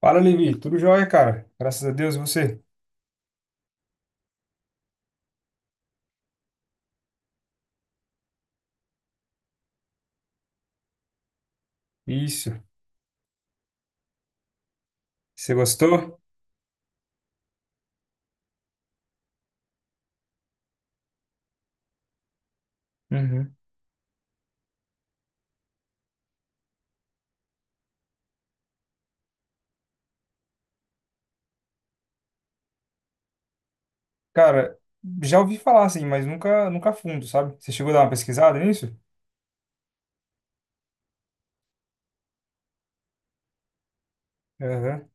Fala, Levi. Tudo jóia, cara. Graças a Deus, e você? Isso. Você gostou? Uhum. Cara, já ouvi falar assim, mas nunca, nunca a fundo, sabe? Você chegou a dar uma pesquisada nisso? Aham.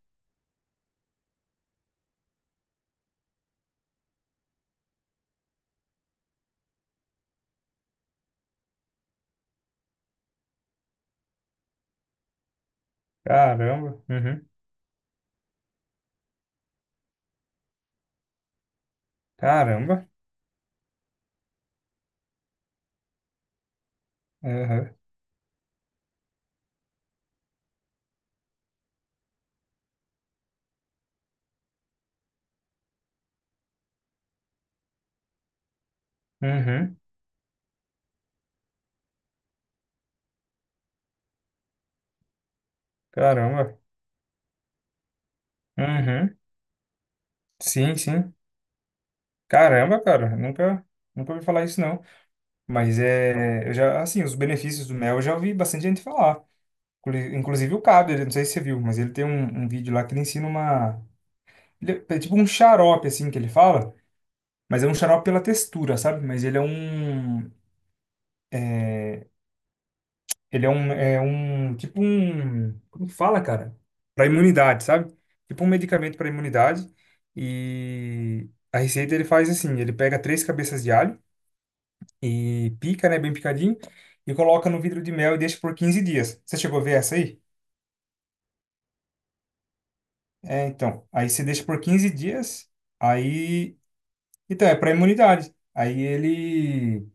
Caramba. Uhum. Caramba. Aham. Uhum. Caramba. Uhum. Sim, sim. Caramba, cara. Nunca, nunca ouvi falar isso, não. Mas é, eu já, assim, os benefícios do mel eu já ouvi bastante gente falar. Inclusive o Cabo, não sei se você viu, mas ele tem um vídeo lá que ele ensina uma. Ele é tipo um xarope, assim, que ele fala, mas é um xarope pela textura, sabe? Mas ele é um. Ele é um. É um tipo um. Como que fala, cara? Para imunidade, sabe? Tipo um medicamento para imunidade. E a receita ele faz assim: ele pega três cabeças de alho e pica, né? Bem picadinho. E coloca no vidro de mel e deixa por 15 dias. Você chegou a ver essa aí? É, então. Aí você deixa por 15 dias. Aí. Então, é para imunidade. Aí ele.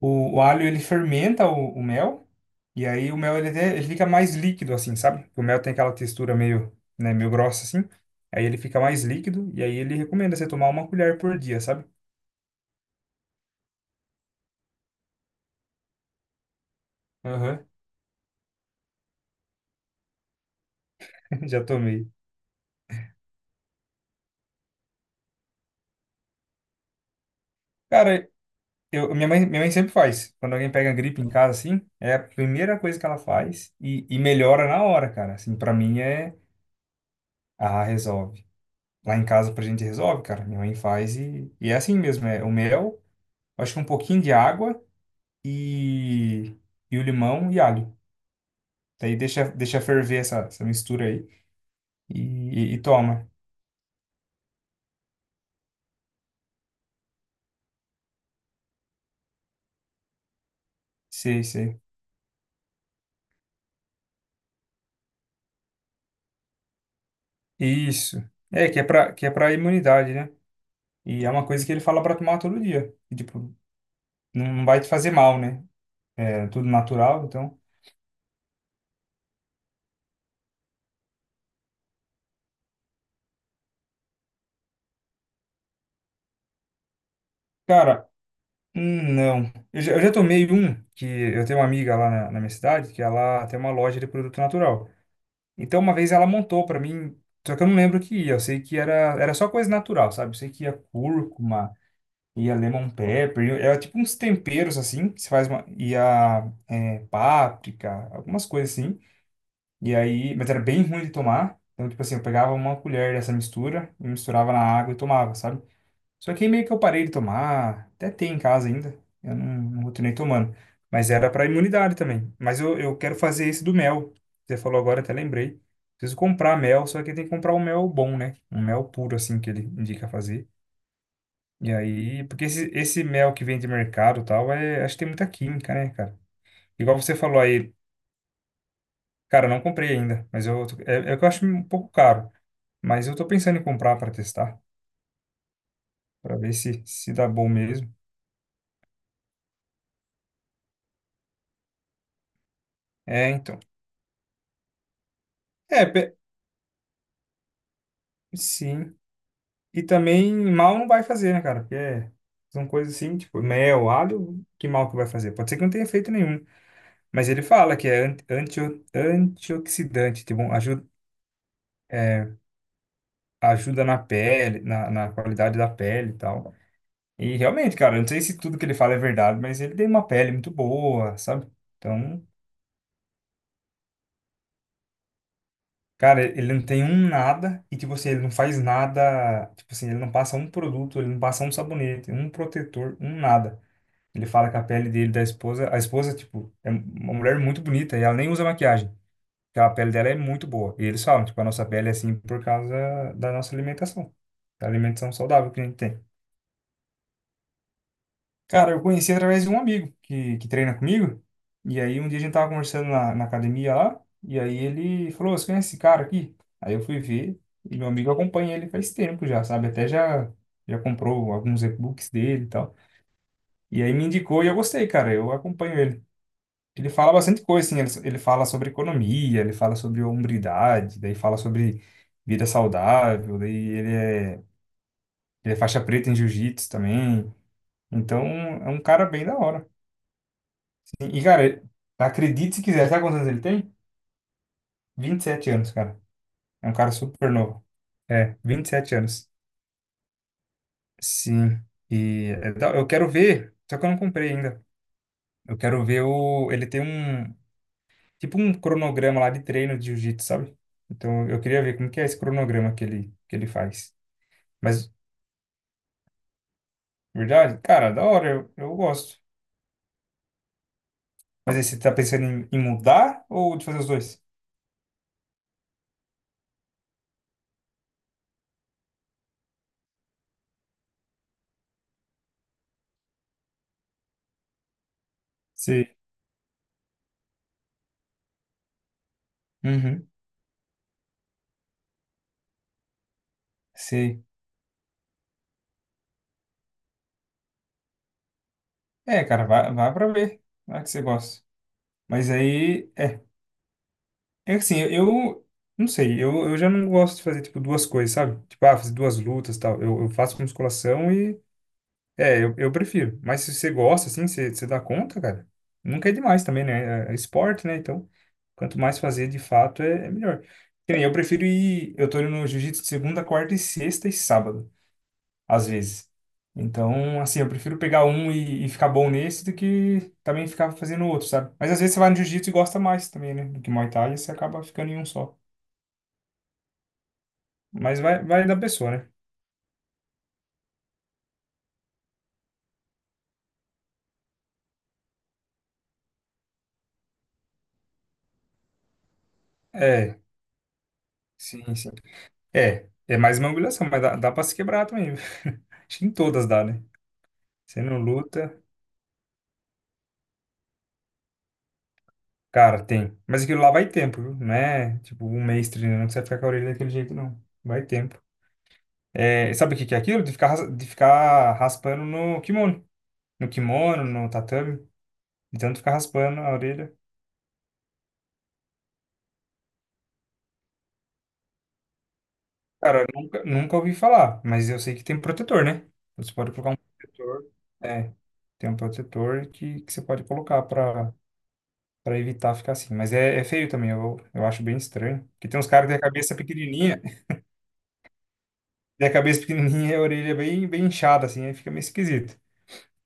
O alho ele fermenta o mel e aí o mel ele, ele fica mais líquido assim, sabe? O mel tem aquela textura meio, né, meio grossa assim. Aí ele fica mais líquido e aí ele recomenda você tomar uma colher por dia, sabe? Aham. Já tomei. Cara, eu, minha mãe sempre faz. Quando alguém pega gripe em casa assim, é a primeira coisa que ela faz e melhora na hora, cara. Assim, para mim é, ah, resolve. Lá em casa pra gente resolve, cara. Minha mãe faz e é assim mesmo, é o mel, acho que um pouquinho de água e, e o limão e alho. Daí deixa, deixa ferver essa mistura aí e, e toma. Sei, sei. Isso. É, que é pra imunidade, né? E é uma coisa que ele fala pra tomar todo dia. E, tipo, não vai te fazer mal, né? É tudo natural, então. Cara, não. Eu já tomei um, que eu tenho uma amiga lá na minha cidade, que ela tem uma loja de produto natural. Então, uma vez ela montou pra mim, só que eu não lembro o que ia. Eu sei que era só coisa natural, sabe? Eu sei que ia cúrcuma, e a lemon pepper, é tipo uns temperos assim, que se faz uma, e a é, páprica, algumas coisas assim. E aí, mas era bem ruim de tomar. Então, tipo assim, eu pegava uma colher dessa mistura, e misturava na água e tomava, sabe? Só que aí meio que eu parei de tomar, até tem em casa ainda, eu não continuei tomando. Mas era para imunidade também. Mas eu quero fazer esse do mel. Você falou agora, até lembrei. Preciso comprar mel, só que tem que comprar um mel bom, né? Um mel puro, assim, que ele indica fazer. E aí, porque esse mel que vem de mercado e tal, é, acho que tem muita química, né, cara? Igual você falou aí, cara, eu não comprei ainda, mas eu, é que eu acho um pouco caro, mas eu tô pensando em comprar para testar, para ver se dá bom mesmo. É, então. É, sim. E também mal não vai fazer, né, cara? Porque são coisas assim, tipo, mel, alho, que mal que vai fazer? Pode ser que não tenha efeito nenhum, mas ele fala que é antioxidante, tipo, ajuda, ajuda na pele, na qualidade da pele e tal. E realmente, cara, eu não sei se tudo que ele fala é verdade, mas ele tem uma pele muito boa, sabe? Então, cara, ele não tem um nada e, tipo assim, ele não faz nada. Tipo assim, ele não passa um produto, ele não passa um sabonete, um protetor, um nada. Ele fala que a pele dele, da esposa, a esposa, tipo, é uma mulher muito bonita e ela nem usa maquiagem. Porque a pele dela é muito boa. E eles falam, tipo, a nossa pele é assim por causa da nossa alimentação, da alimentação saudável que a gente tem. Cara, eu conheci através de um amigo que treina comigo. E aí um dia a gente tava conversando na academia lá, e aí ele falou, "Ô, você conhece esse cara aqui?" Aí eu fui ver, e meu amigo acompanha ele faz tempo já, sabe? Até já comprou alguns e-books dele e tal. E aí me indicou e eu gostei, cara, eu acompanho ele. Ele fala bastante coisa, assim, ele fala sobre economia, ele fala sobre hombridade, daí fala sobre vida saudável, daí ele é faixa preta em jiu-jitsu também. Então, é um cara bem da hora. E, cara, acredite se quiser, sabe quantos anos ele tem? 27 anos, cara. É um cara super novo. É, 27 anos. Sim. Eu quero ver, só que eu não comprei ainda. Eu quero ver o. Ele tem um. Tipo um cronograma lá de treino de jiu-jitsu, sabe? Então eu queria ver como que é esse cronograma que ele faz. Mas, verdade, cara, da hora, eu gosto. Mas aí você tá pensando em mudar ou de fazer os dois? Sim. Uhum, sei. É, cara, vai, vai pra ver. Vai que você gosta. Mas aí, é assim, eu, não sei, eu já não gosto de fazer, tipo, duas coisas, sabe? Tipo, ah, fazer duas lutas e tal. Eu faço musculação e, é, eu prefiro. Mas se você gosta, assim, você dá conta, cara, nunca é demais também, né? É esporte, né? Então, quanto mais fazer, de fato, é melhor. Que nem eu prefiro ir, eu tô indo no jiu-jitsu de segunda, quarta e sexta e sábado às vezes. Então, assim, eu prefiro pegar um e ficar bom nesse do que também ficar fazendo outro, sabe? Mas às vezes você vai no jiu-jitsu e gosta mais também, né? Do que Muay Thai e você acaba ficando em um só. Mas vai da pessoa, né? É, sim, sim. É mais uma humilhação, mas dá, dá pra se quebrar também. Acho que em todas dá, né? Você não luta, cara, tem. Mas aquilo lá vai tempo, viu? Não é tipo um mês treinando que você ficar com a orelha daquele jeito, não. Vai tempo. É, sabe o que que é aquilo? De ficar raspando no kimono, no tatame, de tanto ficar raspando a orelha. Cara, eu nunca, nunca ouvi falar, mas eu sei que tem um protetor, né? Você pode colocar um protetor. É, tem um protetor que você pode colocar pra evitar ficar assim. Mas é feio também, eu acho bem estranho. Porque tem uns caras que têm a cabeça pequenininha, tem a cabeça pequenininha e a orelha bem, bem inchada, assim, aí fica meio esquisito.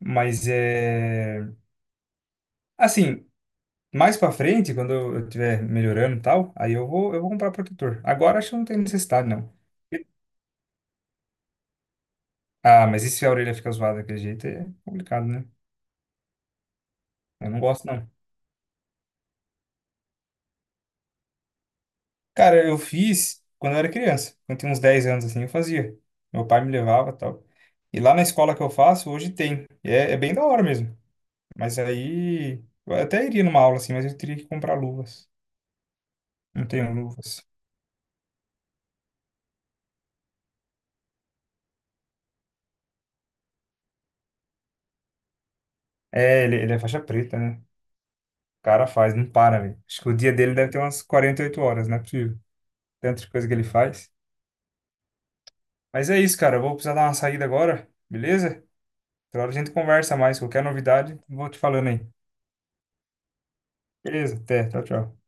Mas é. Assim, mais pra frente, quando eu estiver melhorando e tal, aí eu vou comprar protetor. Agora acho que não tem necessidade, não. Ah, mas e se a orelha fica zoada daquele jeito é complicado, né? Eu não gosto, não. Cara, eu fiz quando eu era criança. Quando eu tinha uns 10 anos, assim, eu fazia. Meu pai me levava e tal. E lá na escola que eu faço, hoje tem. E é bem da hora mesmo. Mas aí... Eu até iria numa aula, assim, mas eu teria que comprar luvas. Não tenho luvas. É, ele é faixa preta, né? O cara faz, não para, velho. Acho que o dia dele deve ter umas 48 horas, não é possível. Tanta coisa que ele faz. Mas é isso, cara. Eu vou precisar dar uma saída agora, beleza? Outra hora a gente conversa mais. Qualquer novidade, vou te falando aí. Beleza, até. Tchau, tchau.